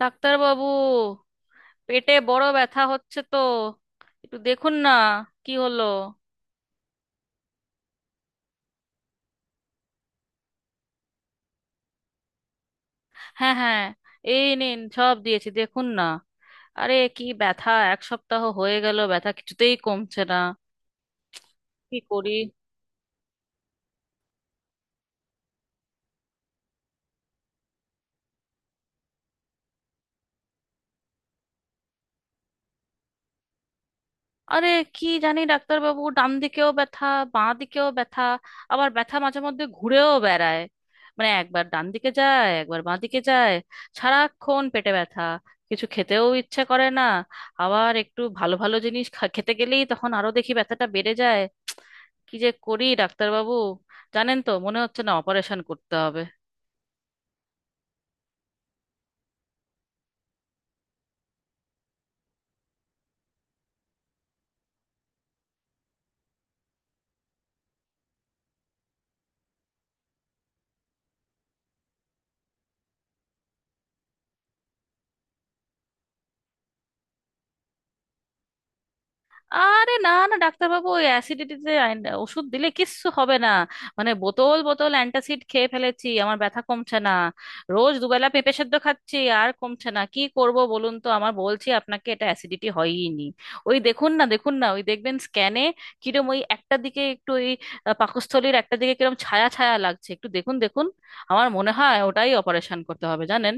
ডাক্তারবাবু, পেটে বড় ব্যথা হচ্ছে তো, একটু দেখুন না। কি হলো? হ্যাঁ, হ্যাঁ, এই নিন সব দিয়েছি, দেখুন না। আরে কি ব্যথা, এক সপ্তাহ হয়ে গেল ব্যথা কিছুতেই কমছে না। কি করি! আরে কি জানি ডাক্তারবাবু, ডান দিকেও ব্যথা, বাঁ দিকেও ব্যথা, আবার ব্যথা মাঝে মধ্যে ঘুরেও বেড়ায়। মানে একবার ডান দিকে যায়, একবার বাঁ দিকে যায়। সারাক্ষণ পেটে ব্যথা, কিছু খেতেও ইচ্ছে করে না। আবার একটু ভালো ভালো জিনিস খেতে গেলেই তখন আরো দেখি ব্যথাটা বেড়ে যায়। কি যে করি ডাক্তারবাবু, জানেন তো, মনে হচ্ছে না অপারেশন করতে হবে। আরে না না ডাক্তারবাবু, ওই অ্যাসিডিটিতে ওষুধ দিলে কিচ্ছু হবে না। মানে বোতল বোতল অ্যান্টাসিড খেয়ে ফেলেছি, আমার ব্যথা কমছে না। রোজ দুবেলা পেঁপে সেদ্ধ খাচ্ছি, আর কমছে না। কি করব বলুন তো! আমার বলছি আপনাকে, এটা অ্যাসিডিটি হয়ই নি। ওই দেখুন না, দেখুন না, ওই দেখবেন স্ক্যানে, কিরম ওই একটা দিকে একটু ওই পাকস্থলীর একটা দিকে কিরম ছায়া ছায়া লাগছে, একটু দেখুন দেখুন। আমার মনে হয় ওটাই, অপারেশন করতে হবে জানেন।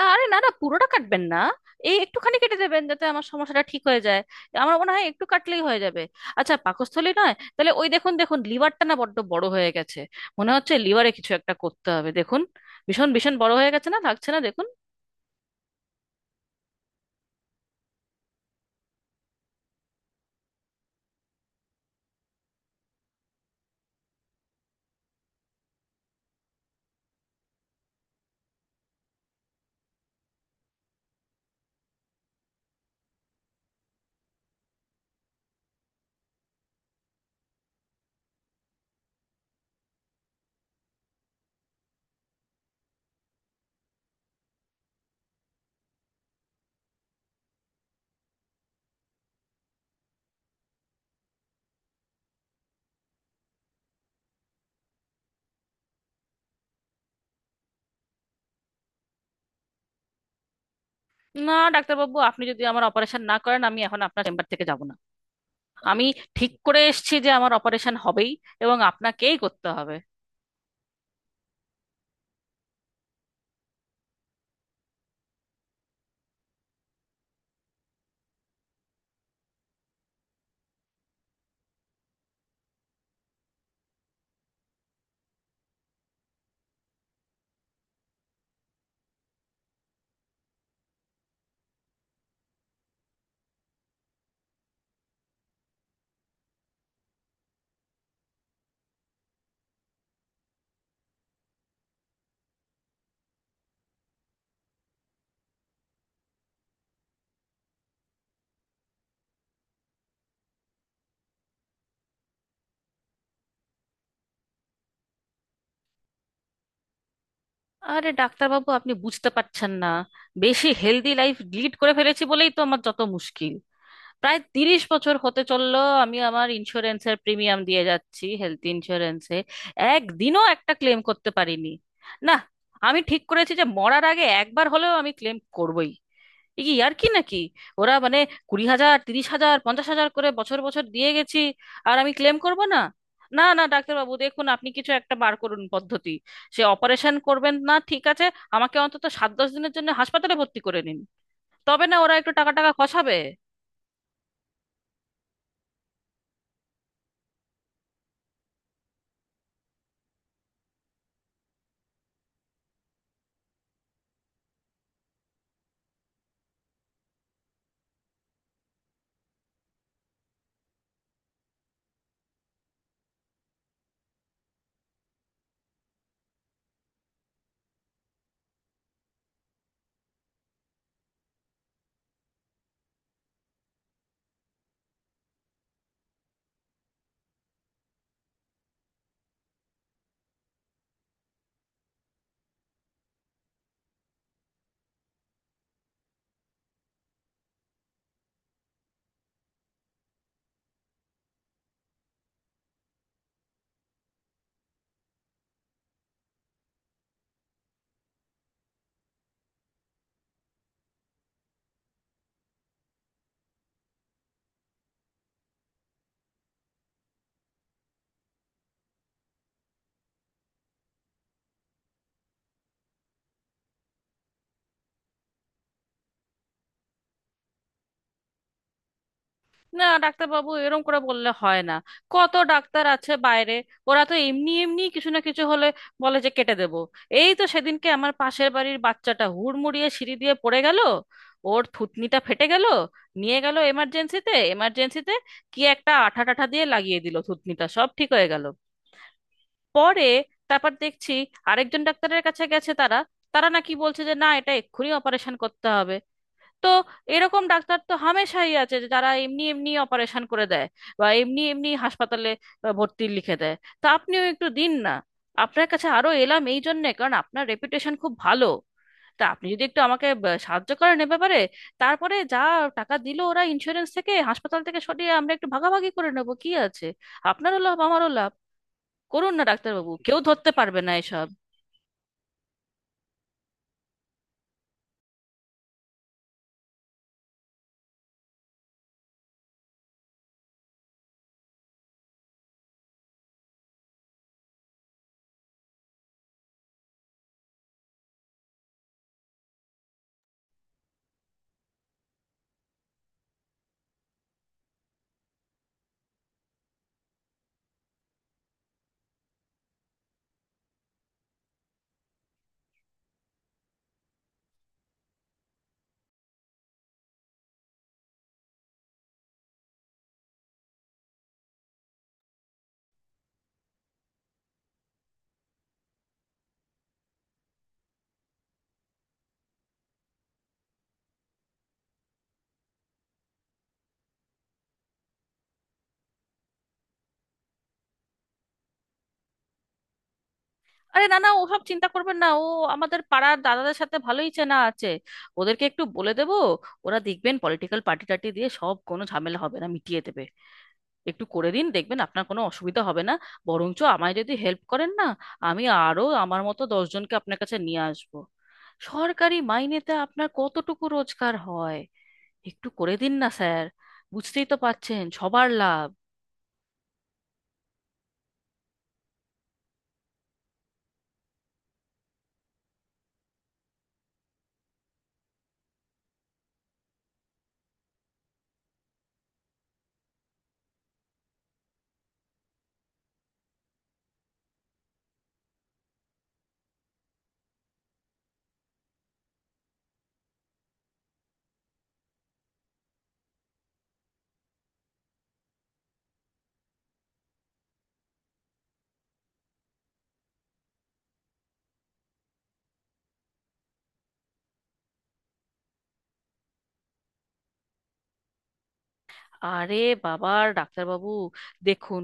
আরে না না, পুরোটা কাটবেন না, এই একটুখানি কেটে দেবেন যাতে আমার সমস্যাটা ঠিক হয়ে যায়। আমার মনে হয় একটু কাটলেই হয়ে যাবে। আচ্ছা পাকস্থলী নয় তাহলে, ওই দেখুন দেখুন লিভারটা না বড্ড বড় হয়ে গেছে। মনে হচ্ছে লিভারে কিছু একটা করতে হবে, দেখুন, ভীষণ ভীষণ বড় হয়ে গেছে না? লাগছে না, দেখুন। না ডাক্তারবাবু, আপনি যদি আমার অপারেশন না করেন, আমি এখন আপনার চেম্বার থেকে যাব না। আমি ঠিক করে এসেছি যে আমার অপারেশন হবেই, এবং আপনাকেই করতে হবে। আরে ডাক্তারবাবু আপনি বুঝতে পারছেন না, বেশি হেলদি লাইফ লিড করে ফেলেছি বলেই তো আমার যত মুশকিল। প্রায় 30 বছর হতে চললো আমি আমার ইন্স্যুরেন্সের প্রিমিয়াম দিয়ে যাচ্ছি, হেলথ ইন্স্যুরেন্সে। একদিনও একটা ক্লেম করতে পারিনি। না, আমি ঠিক করেছি যে মরার আগে একবার হলেও আমি ক্লেম করবই। এ কি আর কি নাকি! ওরা মানে, 20,000, 30,000, 50,000 করে বছর বছর দিয়ে গেছি, আর আমি ক্লেম করব না! না না ডাক্তারবাবু, দেখুন আপনি কিছু একটা বার করুন পদ্ধতি। সে অপারেশন করবেন না, ঠিক আছে, আমাকে অন্তত সাত দশ দিনের জন্য হাসপাতালে ভর্তি করে নিন। তবে না ওরা একটু টাকা টাকা খসাবে। না ডাক্তারবাবু, এরকম করে বললে হয় না। কত ডাক্তার আছে বাইরে, ওরা তো এমনি এমনি কিছু না কিছু হলে বলে যে কেটে দেব। এই তো সেদিনকে আমার পাশের বাড়ির বাচ্চাটা হুড়মুড়িয়ে সিঁড়ি দিয়ে পড়ে গেল, ওর থুতনিটা ফেটে গেল, নিয়ে গেল এমার্জেন্সিতে এমার্জেন্সিতে, কি একটা আঠা টাঠা দিয়ে লাগিয়ে দিল, থুতনিটা সব ঠিক হয়ে গেল। পরে, তারপর দেখছি আরেকজন ডাক্তারের কাছে গেছে তারা, তারা নাকি বলছে যে না এটা এক্ষুনি অপারেশন করতে হবে। তো এরকম ডাক্তার তো হামেশাই আছে, যে যারা এমনি এমনি অপারেশন করে দেয়, বা এমনি এমনি হাসপাতালে ভর্তি লিখে দেয়। তা আপনিও একটু দিন না। আপনার কাছে আরো এলাম এই জন্যে কারণ আপনার রেপুটেশন খুব ভালো। তা আপনি যদি একটু আমাকে সাহায্য করেন এ ব্যাপারে, তারপরে যা টাকা দিল ওরা ইন্স্যুরেন্স থেকে, হাসপাতাল থেকে সরিয়ে আমরা একটু ভাগাভাগি করে নেবো, কি আছে। আপনারও লাভ, আমারও লাভ। করুন না ডাক্তারবাবু, কেউ ধরতে পারবে না এসব। আরে না না, ওসব চিন্তা করবেন না। ও আমাদের পাড়ার দাদাদের সাথে ভালোই চেনা আছে, ওদেরকে একটু বলে দেবো, ওরা দেখবেন পলিটিক্যাল পার্টি টাটি দিয়ে সব কোনো ঝামেলা হবে না, মিটিয়ে দেবে। একটু করে দিন, দেখবেন আপনার কোনো অসুবিধা হবে না। বরঞ্চ আমায় যদি হেল্প করেন না, আমি আরো আমার মতো 10 জনকে আপনার কাছে নিয়ে আসবো। সরকারি মাইনেতে আপনার কতটুকু রোজগার হয়! একটু করে দিন না স্যার, বুঝতেই তো পারছেন সবার লাভ। আরে বাবা ডাক্তারবাবু, দেখুন,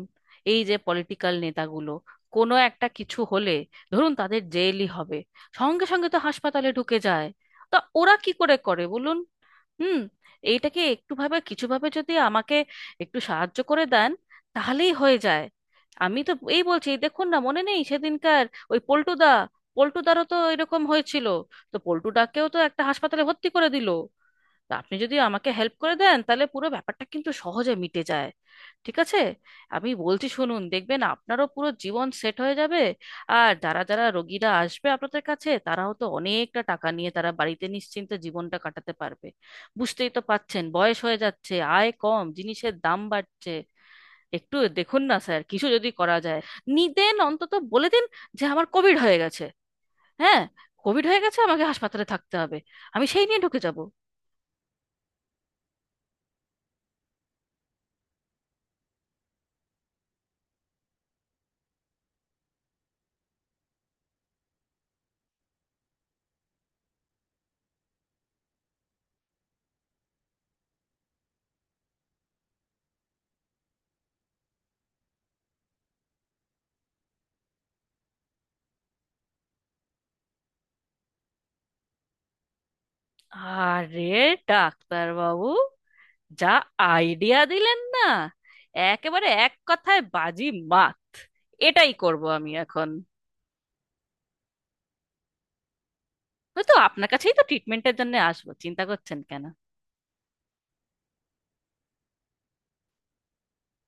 এই যে পলিটিক্যাল নেতাগুলো, কোনো একটা কিছু হলে, ধরুন তাদের জেলই হবে, সঙ্গে সঙ্গে তো হাসপাতালে ঢুকে যায়। তা ওরা কি করে করে বলুন। হুম, এইটাকে একটু ভাবে, কিছু ভাবে যদি আমাকে একটু সাহায্য করে দেন, তাহলেই হয়ে যায়। আমি তো এই বলছি, দেখুন না, মনে নেই সেদিনকার, ওই পল্টুদা, পল্টুদারও তো এরকম হয়েছিল, তো পল্টুদাকেও তো একটা হাসপাতালে ভর্তি করে দিল। তা আপনি যদি আমাকে হেল্প করে দেন, তাহলে পুরো ব্যাপারটা কিন্তু সহজে মিটে যায়। ঠিক আছে, আমি বলছি শুনুন, দেখবেন আপনারও পুরো জীবন সেট হয়ে যাবে। আর যারা যারা রোগীরা আসবে আপনাদের কাছে, তারাও তো অনেকটা টাকা নিয়ে তারা বাড়িতে নিশ্চিন্তে জীবনটা কাটাতে পারবে। বুঝতেই তো পাচ্ছেন, বয়স হয়ে যাচ্ছে, আয় কম, জিনিসের দাম বাড়ছে। একটু দেখুন না স্যার, কিছু যদি করা যায়। নিদেন অন্তত বলে দিন যে আমার কোভিড হয়ে গেছে। হ্যাঁ, কোভিড হয়ে গেছে, আমাকে হাসপাতালে থাকতে হবে। আমি সেই নিয়ে ঢুকে যাব। আরে ডাক্তার বাবু, যা আইডিয়া দিলেন না, একেবারে এক কথায় বাজি মাত! এটাই করব আমি এখন। হয়তো আপনার কাছেই তো ট্রিটমেন্টের জন্য আসবো, চিন্তা করছেন কেন।